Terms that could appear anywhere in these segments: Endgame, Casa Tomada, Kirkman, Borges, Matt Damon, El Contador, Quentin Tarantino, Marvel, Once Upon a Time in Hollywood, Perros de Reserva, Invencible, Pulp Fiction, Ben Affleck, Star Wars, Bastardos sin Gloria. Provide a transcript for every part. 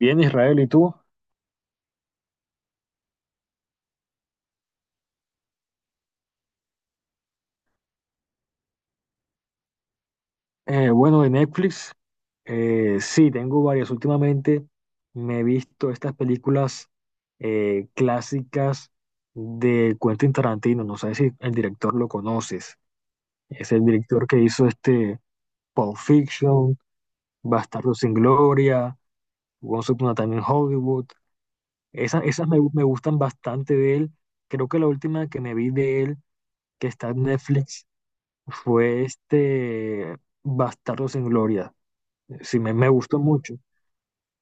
Bien, Israel, ¿y tú? Bueno, de Netflix, sí, tengo varias. Últimamente me he visto estas películas clásicas de Quentin Tarantino. No sé si el director lo conoces. Es el director que hizo Pulp Fiction, Bastardos sin Gloria, Once Upon a Time in Hollywood. Esas me gustan bastante de él. Creo que la última que me vi de él, que está en Netflix, fue Bastardos sin Gloria. Sí, me gustó mucho.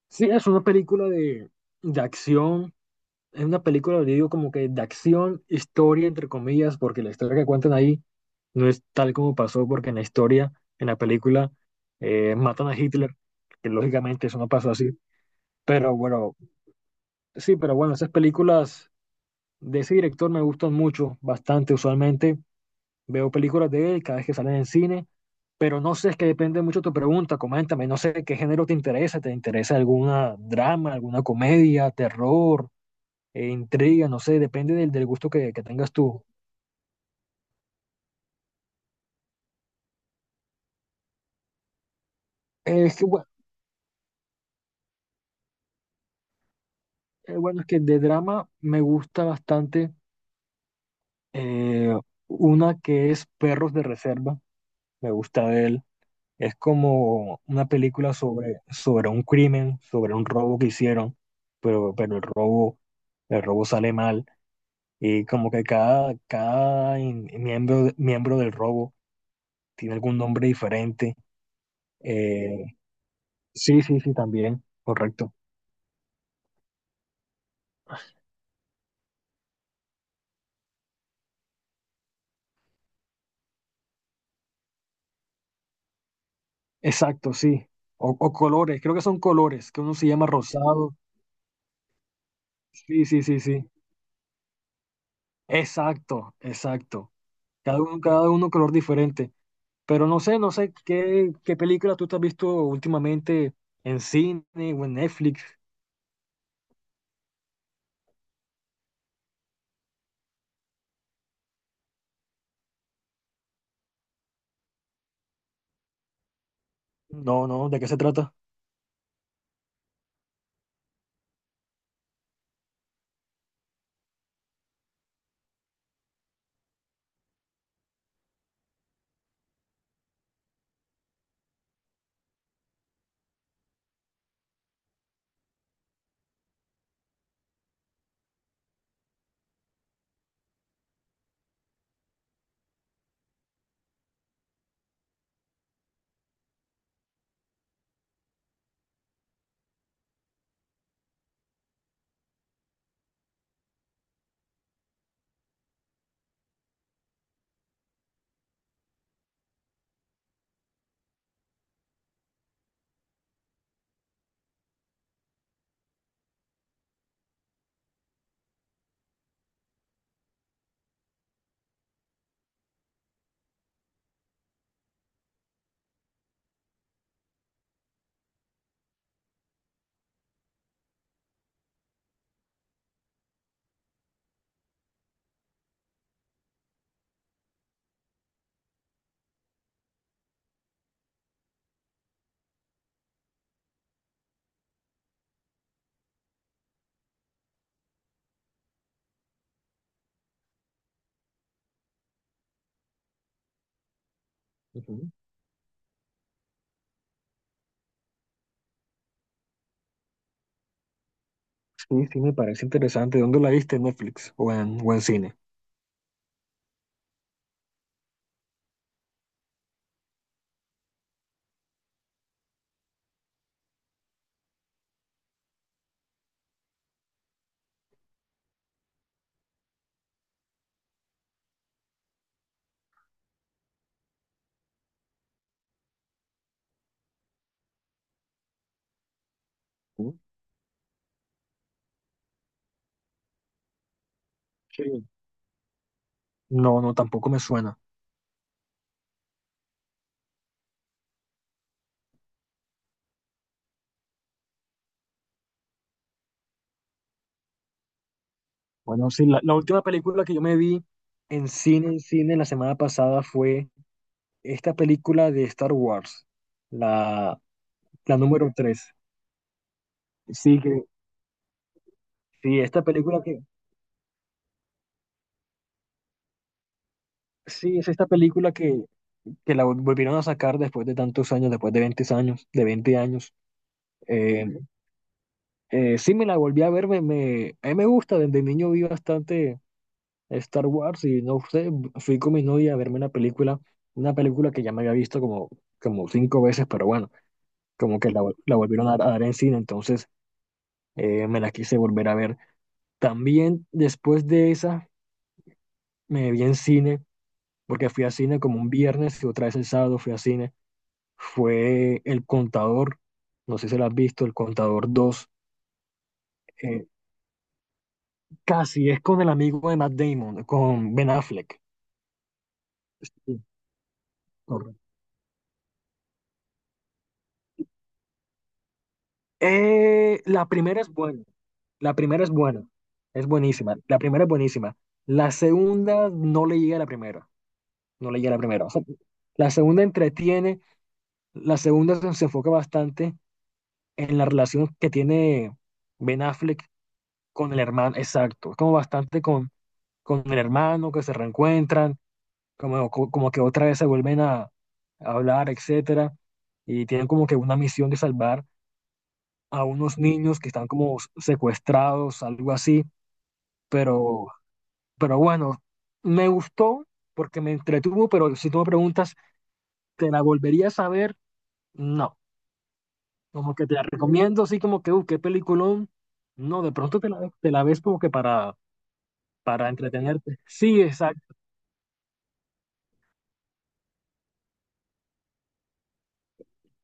Sí, es una película de acción. Es una película, le digo, como que de acción, historia, entre comillas, porque la historia que cuentan ahí no es tal como pasó, porque en la historia, en la película, matan a Hitler, que lógicamente eso no pasó así. Pero bueno, sí, pero bueno, esas películas de ese director me gustan mucho, bastante usualmente. Veo películas de él cada vez que salen en cine, pero no sé, es que depende mucho de tu pregunta. Coméntame, no sé qué género te interesa. ¿Te interesa alguna drama, alguna comedia, terror, intriga? No sé, depende del, del gusto que tengas tú. Eh, es que, bueno, bueno, es que de drama me gusta bastante eh, una que es Perros de Reserva. Me gusta de él. Es como una película sobre, sobre un crimen, sobre un robo que hicieron, pero el robo sale mal. Y como que cada miembro del robo tiene algún nombre diferente. Eh, sí, sí, sí, también, correcto. Exacto, sí. O colores, creo que son colores, que uno se llama rosado. Sí, sí, sí, sí. Exacto, exacto. Cada uno color diferente. Pero no sé qué película tú te has visto últimamente en cine o en Netflix. No, no, ¿de qué se trata? Ujú. Sí, sí, me parece interesante. ¿Dónde la viste? ¿En Netflix o o en cine? Uy. No, no, tampoco me suena. Bueno, sí, la última película que yo me vi en cine, la semana pasada fue esta película de Star Wars, la, la número 3. Sí, sí, esta película sí, es esta película que la volvieron a sacar después de tantos años, después de veinte años. Eh, sí, me la volví a ver, a mí me gusta, desde niño vi bastante Star Wars y no sé, fui con mi novia a verme una película que ya me había visto como cinco veces, pero bueno, como que la volvieron a dar en cine, entonces me la quise volver a ver. También después de esa me vi en cine, porque fui a cine como un viernes y otra vez el sábado fui a cine, fue El Contador, no sé si la has visto, El Contador 2. eh, Casi es con el amigo de Matt Damon, con Ben Affleck. Sí, correcto. La primera es buena. La primera es buena, es buenísima. La primera es buenísima. La segunda no le llega a la primera, no le llega a la primera. O sea, la segunda entretiene, la segunda se enfoca bastante en la relación que tiene Ben Affleck con el hermano, exacto, como bastante con el hermano que se reencuentran, como que otra vez se vuelven a hablar, etcétera, y tienen como que una misión de salvar a unos niños que están como secuestrados, algo así, pero Pero bueno, me gustó porque me entretuvo, pero si tú me preguntas, ¿te la volverías a ver? No. Como que te la recomiendo, así como que, qué peliculón. No, de pronto te la ves como que para entretenerte. Sí, exacto,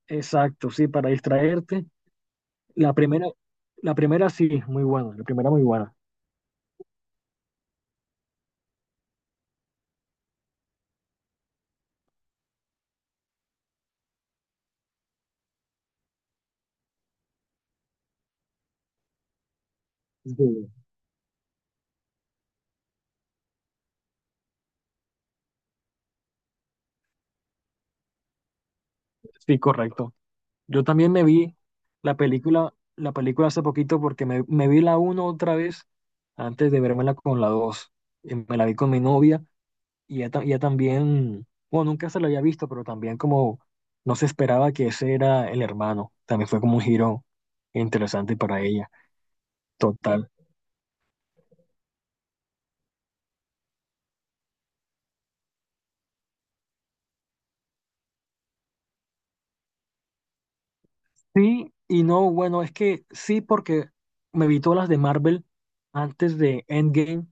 exacto, sí, para distraerte. La primera, la primera sí, muy buena, la primera muy buena. Sí, sí, correcto. Yo también me vi la película hace poquito porque me vi la uno otra vez antes de vermela con la dos. Y me la vi con mi novia. Y ya también, bueno, nunca se lo había visto, pero también como no se esperaba que ese era el hermano. También fue como un giro interesante para ella. Total. Sí, y no, bueno, es que sí, porque me vi todas las de Marvel antes de Endgame,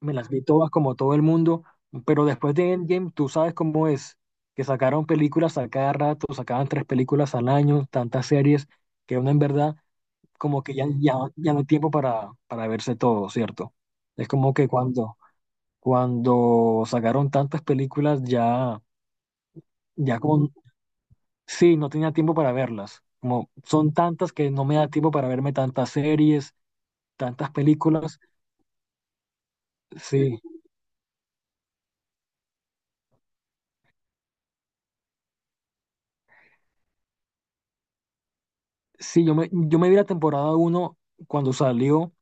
me las vi todas como todo el mundo, pero después de Endgame, tú sabes cómo es, que sacaron películas a cada rato, sacaban tres películas al año, tantas series, que uno en verdad como que ya no hay tiempo para verse todo, ¿cierto? Es como que cuando sacaron tantas películas, ya como, sí, no tenía tiempo para verlas. Como son tantas que no me da tiempo para verme tantas series, tantas películas. Sí, sí, yo me vi la temporada uno cuando salió.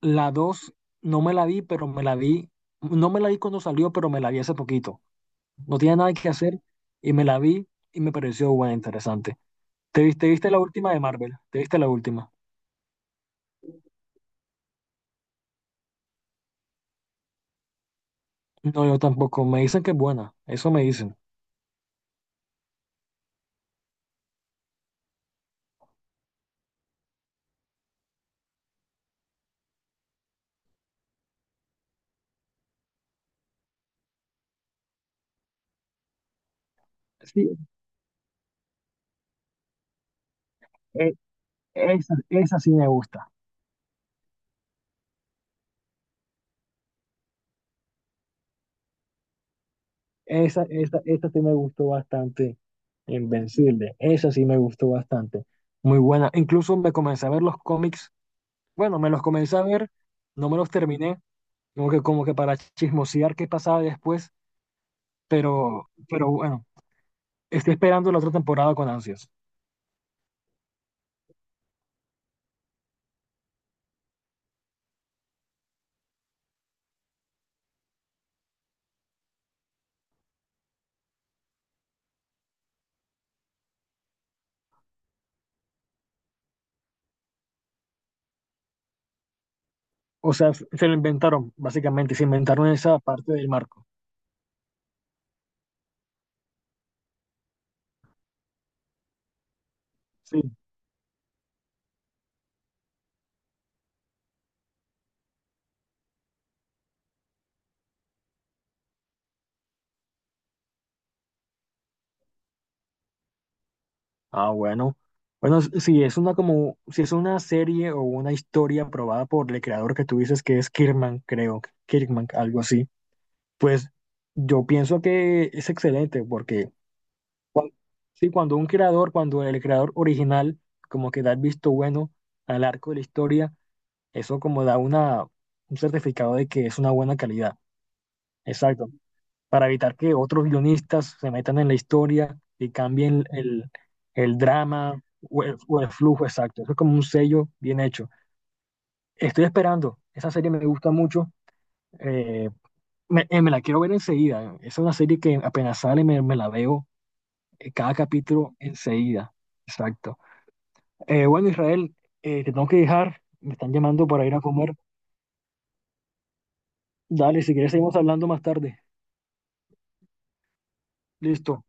La 2 no me la vi, pero me la vi. No me la vi cuando salió, pero me la vi hace poquito. No tenía nada que hacer y me la vi y me pareció buena, interesante. ¿Te viste la última de Marvel? ¿Te viste la última? No, yo tampoco. Me dicen que es buena. Eso me dicen. Sí, e- esa sí me gusta. Esa sí me gustó bastante. Invencible. Esa sí me gustó bastante. Muy buena. Incluso me comencé a ver los cómics. Bueno, me los comencé a ver. No me los terminé. Como que para chismosear qué pasaba después. Pero, bueno, estoy esperando la otra temporada con ansias. O sea, se lo inventaron, básicamente. Se inventaron esa parte del marco. Sí. Ah, bueno. Bueno, si es una como, si es una serie o una historia aprobada por el creador que tú dices que es Kirkman, creo, Kirkman, algo así, pues yo pienso que es excelente porque sí, cuando un creador, cuando el creador original como que da el visto bueno al arco de la historia, eso como da una, un certificado de que es una buena calidad. Exacto. Para evitar que otros guionistas se metan en la historia y cambien el drama o o el flujo exacto. Eso es como un sello bien hecho. Estoy esperando, esa serie me gusta mucho, eh, me la quiero ver enseguida. Es una serie que apenas sale me la veo cada capítulo enseguida. Exacto. Bueno, Israel, te tengo que dejar, me están llamando para ir a comer. Dale, si quieres seguimos hablando más tarde. Listo.